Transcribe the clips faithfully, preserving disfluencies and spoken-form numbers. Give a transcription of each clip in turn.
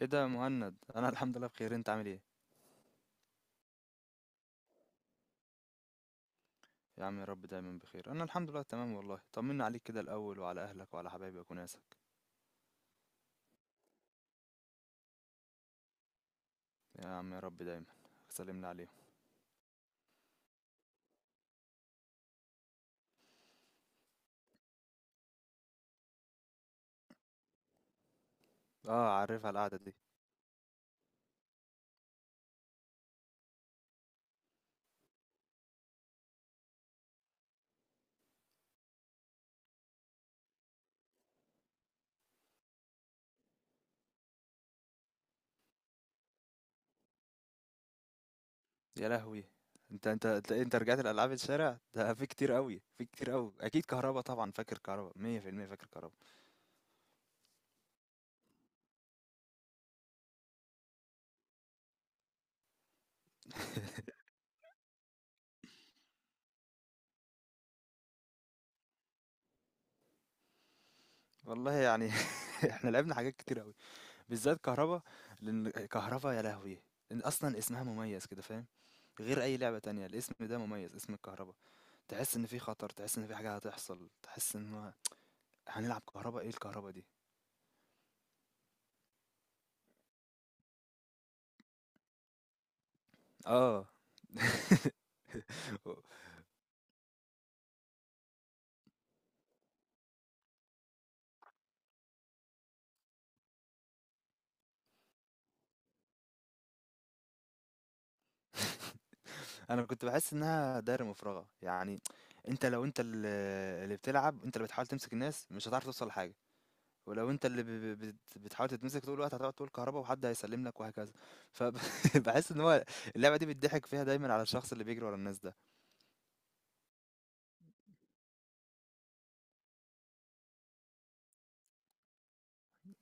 ايه ده يا مهند، انا الحمد لله بخير، انت عامل ايه؟ يا عم يا رب دايما بخير. انا الحمد لله تمام والله. طمنا عليك كده الاول وعلى اهلك وعلى حبايبك وناسك. يا عم يا رب دايما. سلمنا عليهم. اه، عارف على القعده دي. يا لهوي! انت انت انت, انت رجعت لالعاب الشارع ده؟ في كتير قوي، في كتير قوي. اكيد كهربا، طبعا فاكر كهربا مية في المية، فاكر كهربا. والله يعني احنا لعبنا حاجات كتير قوي، بالذات كهربا. لان كهربا يا لهوي، إن اصلا اسمها مميز كده، فاهم؟ غير اي لعبه تانية، الاسم ده مميز، اسم الكهربا. تحس ان في خطر، تحس ان في حاجة هتحصل، تحس ان هو هنلعب كهرباء. ايه الكهرباء دي؟ اه انا كنت بحس انها دايرة مفرغة يعني. انت لو انت اللي اللي بتلعب، انت اللي بتحاول تمسك الناس، مش هتعرف توصل لحاجة. ولو انت اللي ب- ب- بت- بتحاول تتمسك طول الوقت، هتقعد تقول كهرباء وحد هيسلم لك وهكذا. فبحس ان هو اللعبة دي بتضحك فيها دايما على الشخص اللي بيجري ورا الناس ده.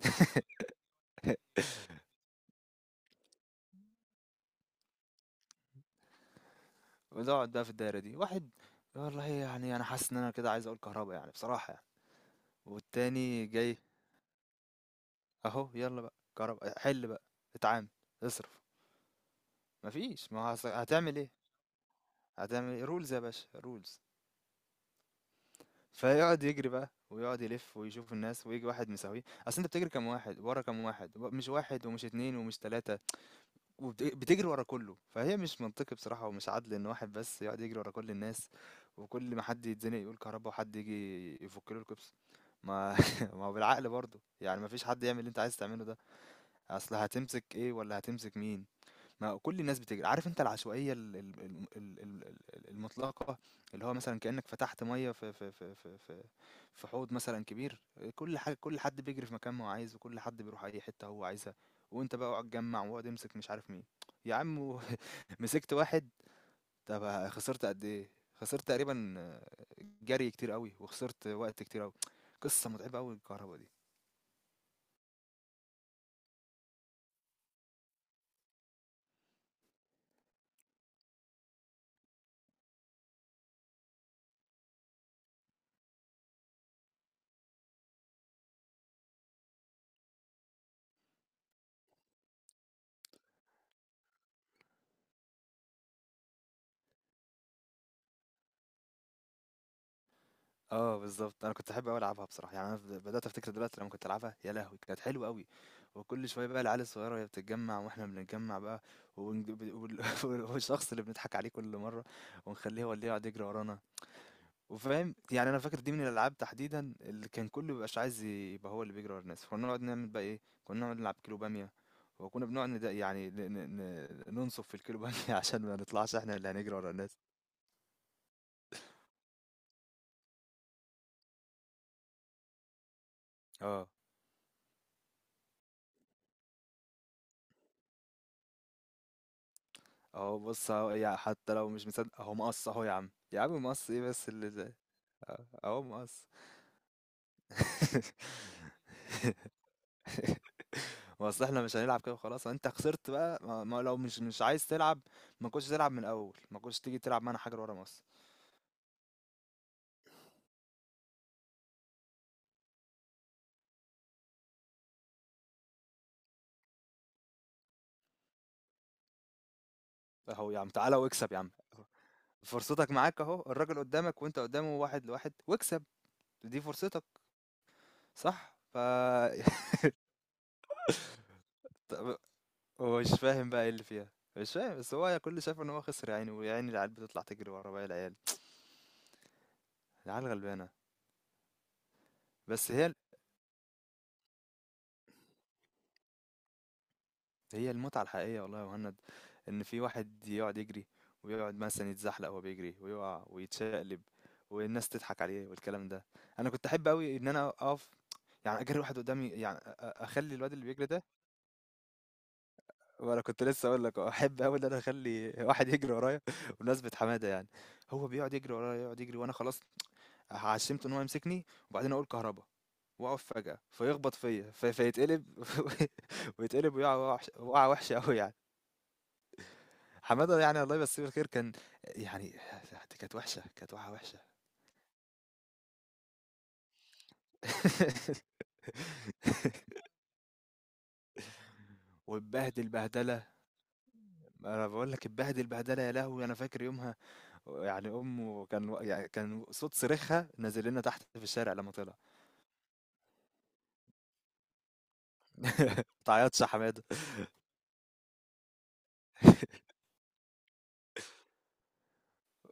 بنقعد بقى في الدايرة دي واحد. والله يعني انا حاسس ان انا كده عايز اقول كهرباء يعني، بصراحة يعني. والتاني جاي. أهو، يلا بقى، جرب حل بقى، اتعامل، اصرف. مفيش، ما هو هس- هتعمل ايه؟ هتعمل ايه؟ رولز يا باشا، رولز. فيقعد يجري بقى ويقعد يلف ويشوف الناس، ويجي واحد مساويه، اصل انت بتجري كام واحد ورا كام واحد، و- مش واحد ومش اتنين ومش تلاتة، وبتجري ورا كله. فهي مش منطقي بصراحة ومش عدل ان واحد بس يقعد يجري ورا كل الناس، وكل ما حد يتزنق يقول كهربا وحد يجي يفك له الكبس. ما ما هو بالعقل برضه يعني، ما فيش حد يعمل اللي انت عايز تعمله ده. اصل هتمسك ايه ولا هتمسك مين؟ ما كل الناس بتجري، عارف انت العشوائيه ال- ال- ال- ال- ال- ال- المطلقه، اللي هو مثلا كانك فتحت ميه في في في في في في حوض مثلا كبير، كل حاجه، كل حد بيجري في مكان ما هو عايز، وكل حد بيروح اي حته هو عايزها. وانت بقى اقعد تجمع واقعد امسك مش عارف مين. يا عم! مسكت واحد، طب خسرت قد ايه؟ خسرت تقريبا جري كتير قوي، وخسرت وقت كتير قوي. قصه متعبه قوي الكهرباء دي. آه بالضبط، أنا كنت أحب أوي ألعبها بصراحة، يعني أنا ب بدأت أفتكر دلوقتي لمّا كنت ألعبها. يا لهوي! كانت حلوة أوي، وكل شوية بقى العيال الصغيرة وهي بتتجمّع وإحنا بنتجمّع بقى، ونج ب وال والشخص اللي بنضحك عليه كل مرّة ونخلّيه هو اللي يقعد يجري ورانا. وفاهم، يعني أنا فاكر دي من الألعاب تحديدًا اللي كان كُلّه ما بيبقاش عايز يبقى هو اللي بيجري ورا الناس. كُنّا نقعد نعمل بقى إيه؟ كُنّا نقعد نلعب كيلو بامية، وكُنّا بنقعد ند يعني ن ن ن ننصُف في الكيلو بامية عشان ما نطلعش إحنا اللي هنجري ورا الناس. آه. اهو بص، اهو يعني حتى لو مش مصدق اهو مقص، اهو يا عم، يا عم مقص ايه بس اللي ده؟ اهو، أهو مقص. ما اصل احنا مش هنلعب كده وخلاص. انت خسرت بقى، ما ما لو مش مش عايز تلعب ما كنتش تلعب من الاول، ما كنتش تيجي تلعب معانا حاجه ورا مقص. اهو يا عم، تعالى واكسب يا عم، فرصتك معاك اهو، الراجل قدامك وانت قدامه، واحد لواحد، واكسب. دي فرصتك، صح؟ ف طب هو مش فاهم بقى ايه اللي فيها، مش فاهم، بس هو كل اللي شايف ان هو خسر يعني. ويا عيني، العيال بتطلع تجري ورا باقي العيال. العيال غلبانة بس. هي هي المتعة الحقيقية والله يا مهند، إن في واحد يقعد يجري، ويقعد مثلا يتزحلق وهو بيجري ويقع ويتشقلب والناس تضحك عليه والكلام ده. أنا كنت أحب أوي إن أنا أقف، يعني أجري واحد قدامي، يعني أ- أ- أخلي الواد اللي بيجري ده، وأنا كنت لسه أقول لك أحب أوي إن أنا أخلي واحد يجري ورايا بمناسبة حمادة يعني. هو بيقعد يجري ورايا، يقعد يجري وأنا خلاص عشمته ان هو يمسكني وبعدين اقول كهربا، واقف فجأة فيخبط فيا في- فيتقلب. ويتقلب ويقع وحش- وقعة وحشة أوي يعني. حمادة، يعني الله يمسيه بالخير، كان يعني دي كانت وحشة، كانت وقعة وحشة. واتبهدل بهدلة. أنا بقول لك اتبهدل بهدلة يا لهوي، أنا فاكر يومها، يعني أمه كان يعني كان صوت صريخها نازل لنا تحت في الشارع لما طلع. متعيطش يا حمادة!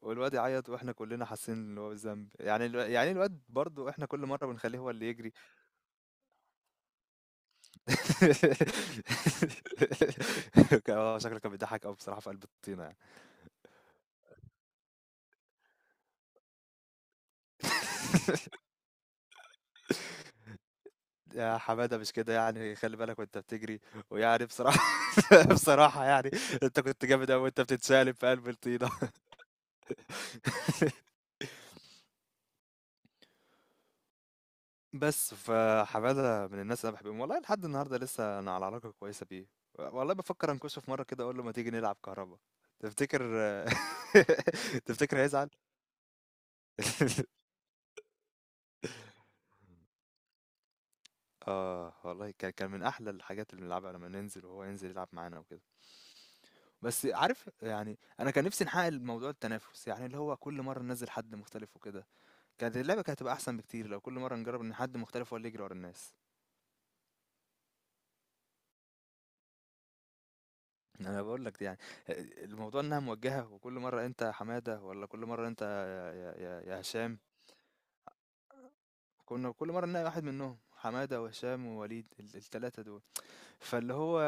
والواد يعيط واحنا كلنا حاسين ان هو بالذنب، يعني الو... يعني الواد برضه احنا كل مره بنخليه هو اللي يجري. كان- آه، شكله كان بيضحك قوي بصراحه في قلب الطينه يعني. يا حماده مش كده يعني، خلي بالك وانت بتجري. ويعني بصراحه بصراحه يعني، انت كنت جامد قوي وانت بتتسالب في قلب الطينه. بس، فحمادة من الناس اللي أنا باحبهم، والله لحد النهارده لسه أنا على علاقة كويسة بيه، والله بافكر أنكشه في مرة كده أقول له ما تيجي نلعب كهربا، تفتكر تفتكر هيزعل؟ آه، والله كان كان من أحلى الحاجات اللي بنلعبها لمّا ننزل وهو ينزل يلعب معانا وكده. بس عارف يعني، أنا كان نفسي نحقق الموضوع التنافس، يعني اللي هو كل مرة ننزل حد مختلف وكده، كانت اللعبة كانت هتبقى أحسن بكتير لو كل مرة نجرب إن حد مختلف هو اللي يجري ورا الناس. أنا باقول لك يعني آآ الموضوع إنها موجّهة، وكل مرّة أنت يا حمادة والّا كل مرّة أنت يا يا يا هشام، كنا كل مرّة نلاقي واحد منّهم، حمادة وهشام ووليد، ال ال3 دول. فاللي هو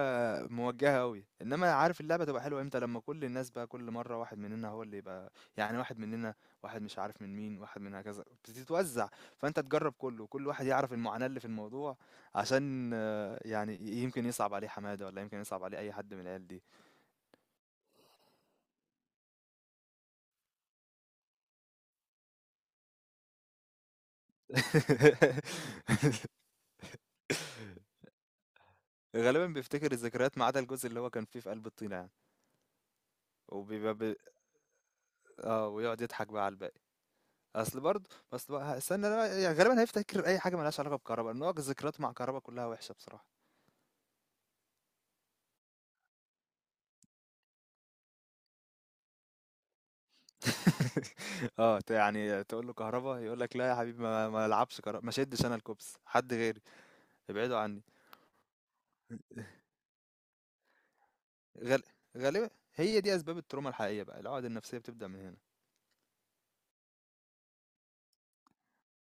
موجّهة أوي، إنّما عارف اللعبة تبقى حلوة إمتى؟ لمّا كل الناس بقى كل مرّة واحد مننا هو اللي يبقى، يعني واحد مننا، واحد مش عارف من مين، واحد من هكذا، بتتوزّع، فأنت تجرّب كُلّه وكل واحد يعرف المعاناة اللي في الموضوع، عشان آه، يعني ي يمكن يصعب عليه حمادة والّا يمكن يصعب عليه أي حد من العيال دي. غالبًا بيفتكر الذكريات ما عدا الجزء اللي هو كان فيه في قلب الطينة يعني، وبيبقى ب آه، ويقعد يضحك بقى على الباقي. أصل برضه أصل بقى، استنى بقى يعني، غالبًا هيفتكر أي حاجة ما لهاش علاقة بكهربا، لأن هو ذكرياته مع كهربا كلها وحشة بصراحة. آه، ت يعني تقول له كهربا يقول لك لا يا حبيبي، ما ما العبش كهربا، ما شدش أنا الكوبس، حد غيري، ابعدوا عني. غال غالبًا هي دي أسباب التروما الحقيقية بقى، العقد النفسية بتبدأ من هنا.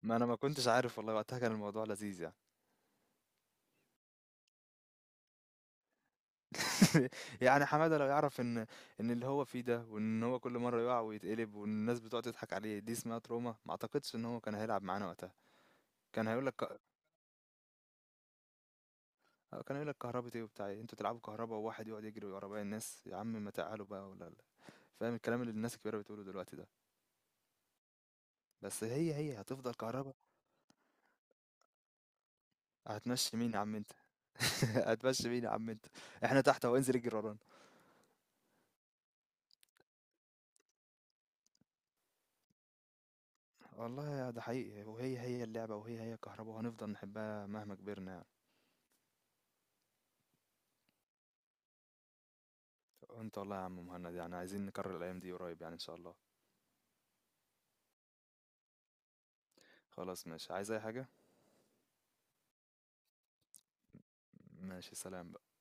ما أنا ما كنتش عارف والله، وقتها كان الموضوع لذيذ يعني. يعني حمادة لو يعرف إن إن اللي هو فيه ده، وإن هو كل مرة يقع ويتقلب وإن الناس بتقعد تضحك عليه دي اسمها تروما، ما أعتقدش إن هو كان هيلعب معانا وقتها. كان هيقول لك كان هيقول لك كهربا إيه وبتاع إيه؟ أنتوا تلعبوا كهربا وواحد يقعد يجري ورا باقي الناس؟ يا عم ما تعالوا بقى، ولا لا، فاهم الكلام اللي الناس الكبيرة بتقوله دلوقتي ده. بس هي هي هتفضل كهربا. هتمشي مين يا عم أنت؟ هتمشي مين يا عم أنت؟ إحنا تحت وانزل اجري ورانا. والله ده حقيقي، وهي هي اللعبة وهي هي كهربا، وهنفضل نحبها مهما كبرنا. وانت والله يا عم مهند، يعني عايزين نكرر الايام دي قريب يعني ان شاء الله. خلاص ماشي، عايز اي حاجة؟ ماشي، سلام بقى.